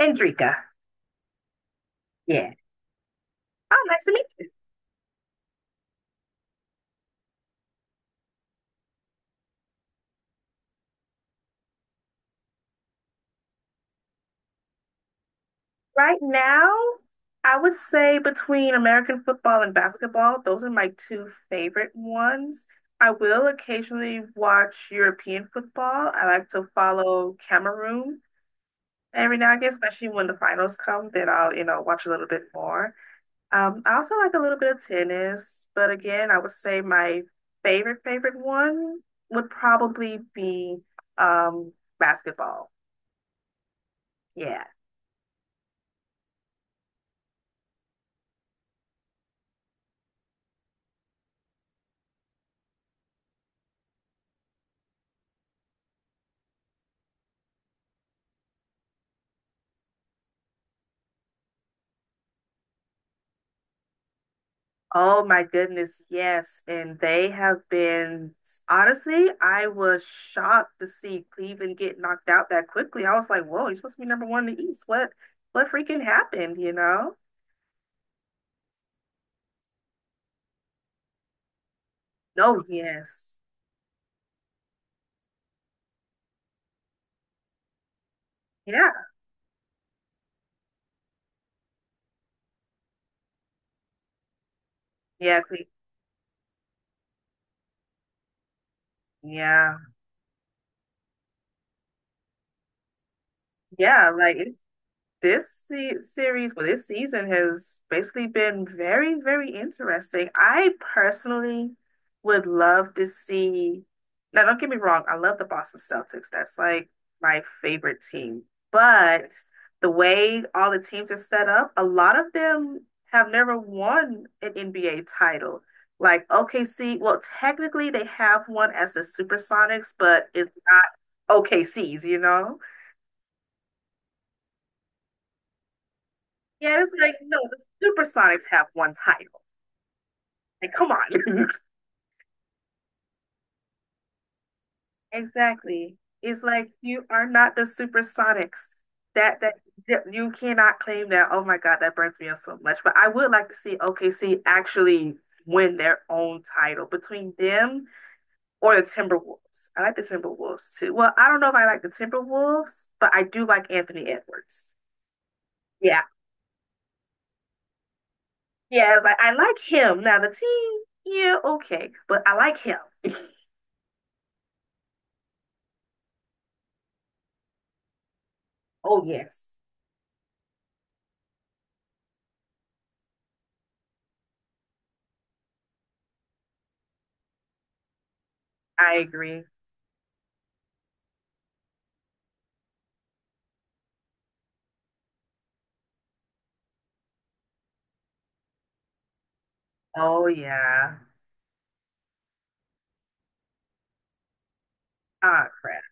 Andrika. Yeah. Oh, nice to meet you. Right now, I would say between American football and basketball, those are my two favorite ones. I will occasionally watch European football. I like to follow Cameroon every now and again, especially when the finals come, then I'll watch a little bit more. I also like a little bit of tennis, but again, I would say my favorite one would probably be um, basketball. Yeah. Oh my goodness, yes. And they have been, honestly, I was shocked to see Cleveland get knocked out that quickly. I was like, whoa, you're supposed to be number one in the East. What freaking happened, you know? No, yes. Yeah. Yeah, yeah. Yeah, like it's this se series, well, this season has basically been very, very interesting. I personally would love to see. Now, don't get me wrong, I love the Boston Celtics. That's like my favorite team. But the way all the teams are set up, a lot of them have never won an NBA title. Like OKC, well, technically they have one as the Supersonics, but it's not OKC's, you know? Yeah, it's like, no, the Supersonics have one title. Like, come on. Exactly. It's like you are not the Supersonics. That that that you cannot claim that. Oh my God, that burns me up so much. But I would like to see OKC actually win their own title between them or the Timberwolves. I like the Timberwolves too. Well, I don't know if I like the Timberwolves, but I do like Anthony Edwards. Yeah, yeah. It's like I like him. Now the team, yeah, okay, but I like him. Oh yes. I agree. Oh yeah. Ah, crap.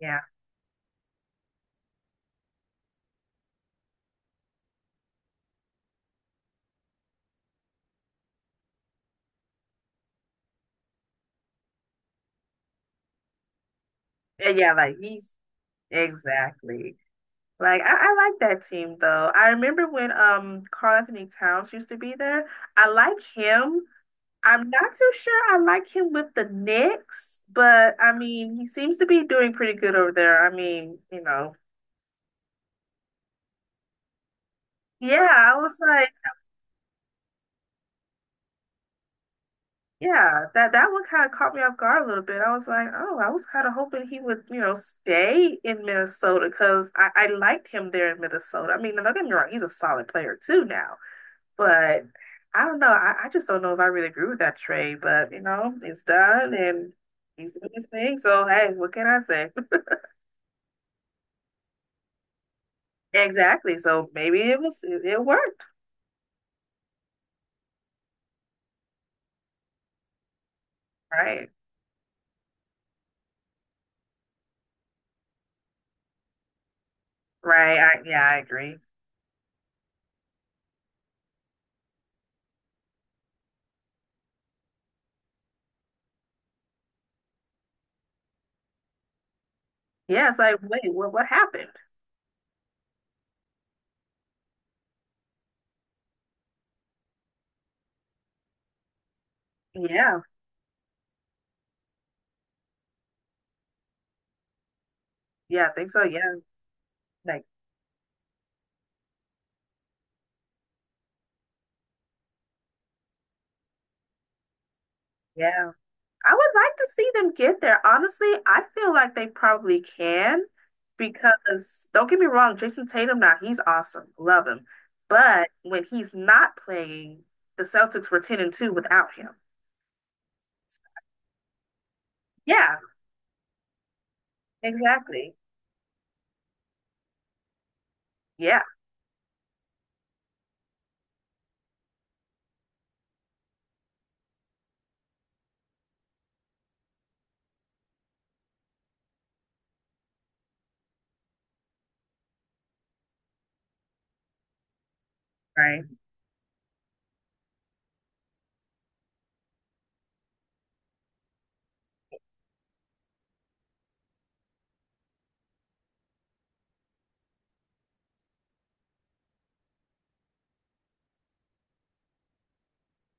Yeah. Yeah, yeah, like he's, exactly. Like I like that team though. I remember when Karl Anthony Towns used to be there. I like him. I'm not too sure I like him with the Knicks, but I mean he seems to be doing pretty good over there. I mean, you know. Yeah, I was like. Yeah, that one kind of caught me off guard a little bit. I was like, oh, I was kind of hoping he would, stay in Minnesota because I liked him there in Minnesota. I mean, don't get me wrong, he's a solid player too now, but I don't know. I just don't know if I really agree with that trade, but it's done and he's doing his thing. So hey, what can I say? Exactly. So maybe it worked. Right. Right. I, yeah, I agree. Yeah, it's like, wait, what happened? Yeah. Yeah, I think so. Yeah. Like, yeah. I would like to see them get there. Honestly, I feel like they probably can, because don't get me wrong, Jason Tatum now, he's awesome. Love him. But when he's not playing, the Celtics were 10-2 without him. Yeah, exactly. Yeah, right.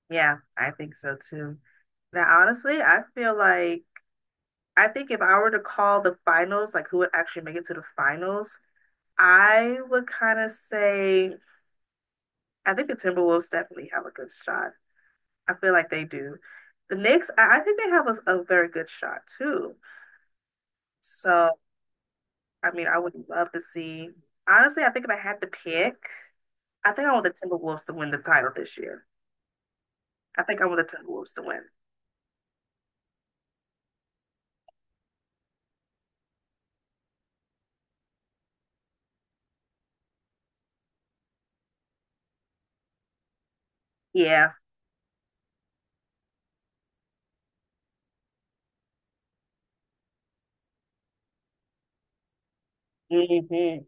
Yeah, I think so too. Now, honestly, I feel like I think if I were to call the finals, like who would actually make it to the finals, I would kind of say I think the Timberwolves definitely have a good shot. I feel like they do. The Knicks, I think they have a very good shot too. So, I mean, I would love to see. Honestly, I think if I had to pick, I think I want the Timberwolves to win the title this year. I think I want the Timberwolves to win. Yeah. hmm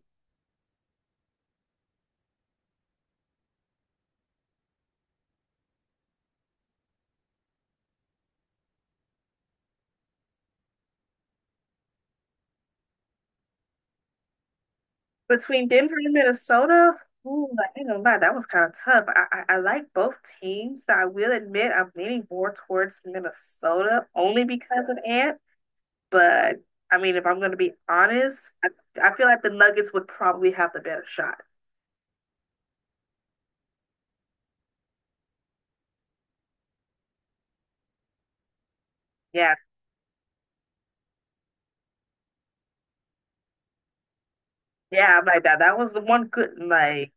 Between Denver and Minnesota, ooh, like, I ain't gonna lie, that was kind of tough. I like both teams. I will admit I'm leaning more towards Minnesota only because of Ant. But I mean, if I'm going to be honest, I feel like the Nuggets would probably have the better shot. Yeah, yeah, I'm like that. That was the one good, like,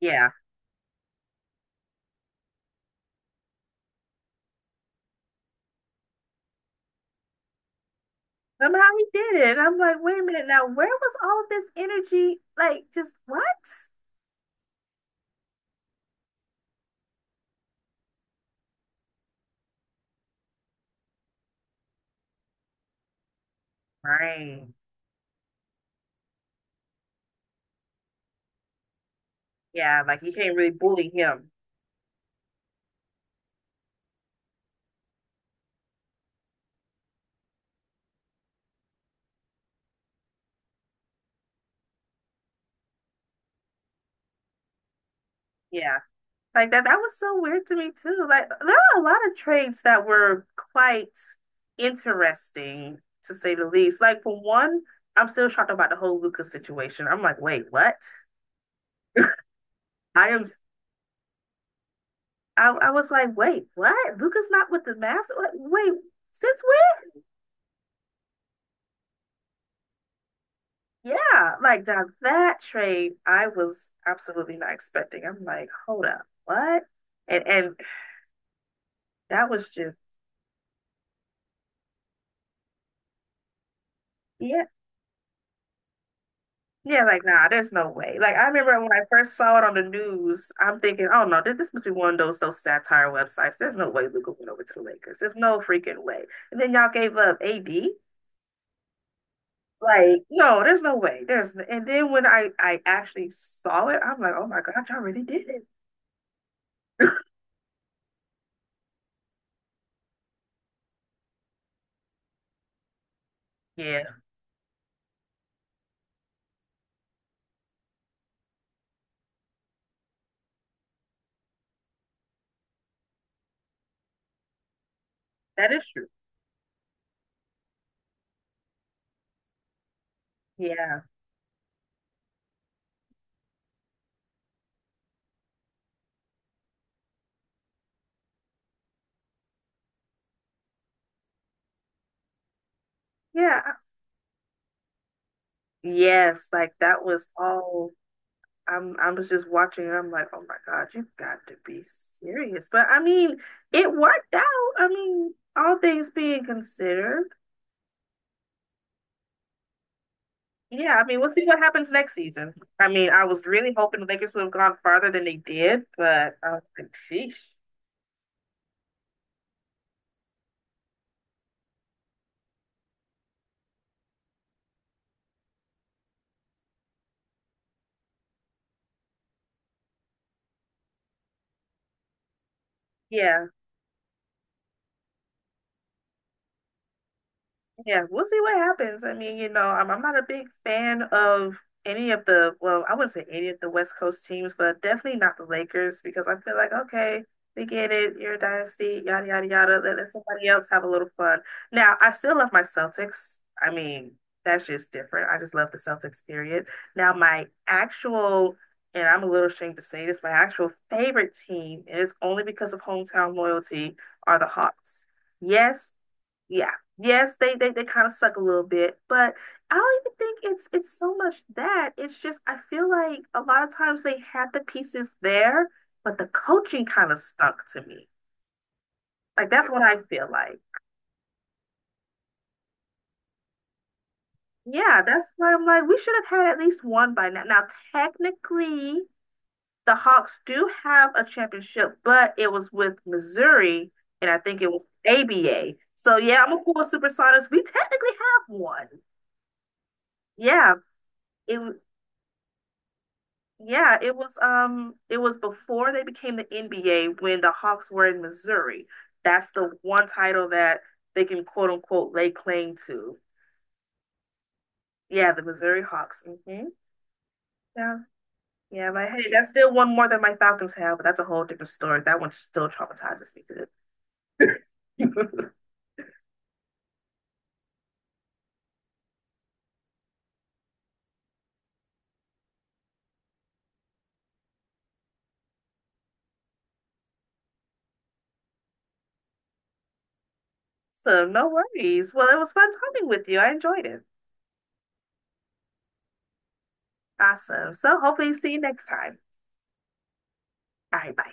yeah. Somehow he did it. I'm like, wait a minute now, where was all of this energy? Like, just what? Right. Yeah, like you can't really bully him. Yeah. Like that was so weird to me too. Like, there were a lot of trades that were quite interesting, to say the least. Like, for one, I'm still shocked about the whole Lucas situation. I'm like, wait, what? I am. I was like, wait, what? Luca's not with the Mavs. Like, wait, since when? Yeah, like now, that trade, I was absolutely not expecting. I'm like, hold up, what? And that was just, yeah. Yeah, like nah, there's no way. Like, I remember when I first saw it on the news, I'm thinking, oh no, this must be one of those satire websites. There's no way Luca went over to the Lakers. There's no freaking way. And then y'all gave up AD. Like, no, there's no way. There's And then when I actually saw it, I'm like, oh my God, y'all really did it. Yeah, that is true. Yeah. Yeah. Yes, like that was all. I was just watching and I'm like, oh my God, you have got to be serious. But I mean, it worked out. I mean, all things being considered. Yeah, I mean, we'll see what happens next season. I mean, I was really hoping the Lakers would have gone farther than they did, but I was like, sheesh. Yeah. Yeah, we'll see what happens. I mean, you know, I'm not a big fan of any of the, well, I wouldn't say any of the West Coast teams, but definitely not the Lakers, because I feel like, okay, we get it. You're a dynasty, yada, yada, yada. Let somebody else have a little fun. Now, I still love my Celtics. I mean, that's just different. I just love the Celtics, period. Now, my actual, and I'm a little ashamed to say this, my actual favorite team, and it's only because of hometown loyalty, are the Hawks. Yes, yeah, yes, they kind of suck a little bit, but I don't even think it's so much that. It's just, I feel like a lot of times they had the pieces there, but the coaching kind of stunk to me. Like, that's what I feel like. Yeah, that's why I'm like, we should have had at least one by now. Now, technically, the Hawks do have a championship, but it was with Missouri, and I think it was ABA, so yeah, I'm a cool with Supersonics, we technically have one. yeah it Yeah, it was before they became the NBA, when the Hawks were in Missouri. That's the one title that they can quote unquote lay claim to. Yeah, the Missouri Hawks. Hmm. Yeah. Yeah, but hey, that's still one more than my Falcons have, but that's a whole different story. That one still traumatizes me to it. So no worries. Well, it was fun talking with you. I enjoyed it. Awesome. So hopefully see you next time. All right, bye.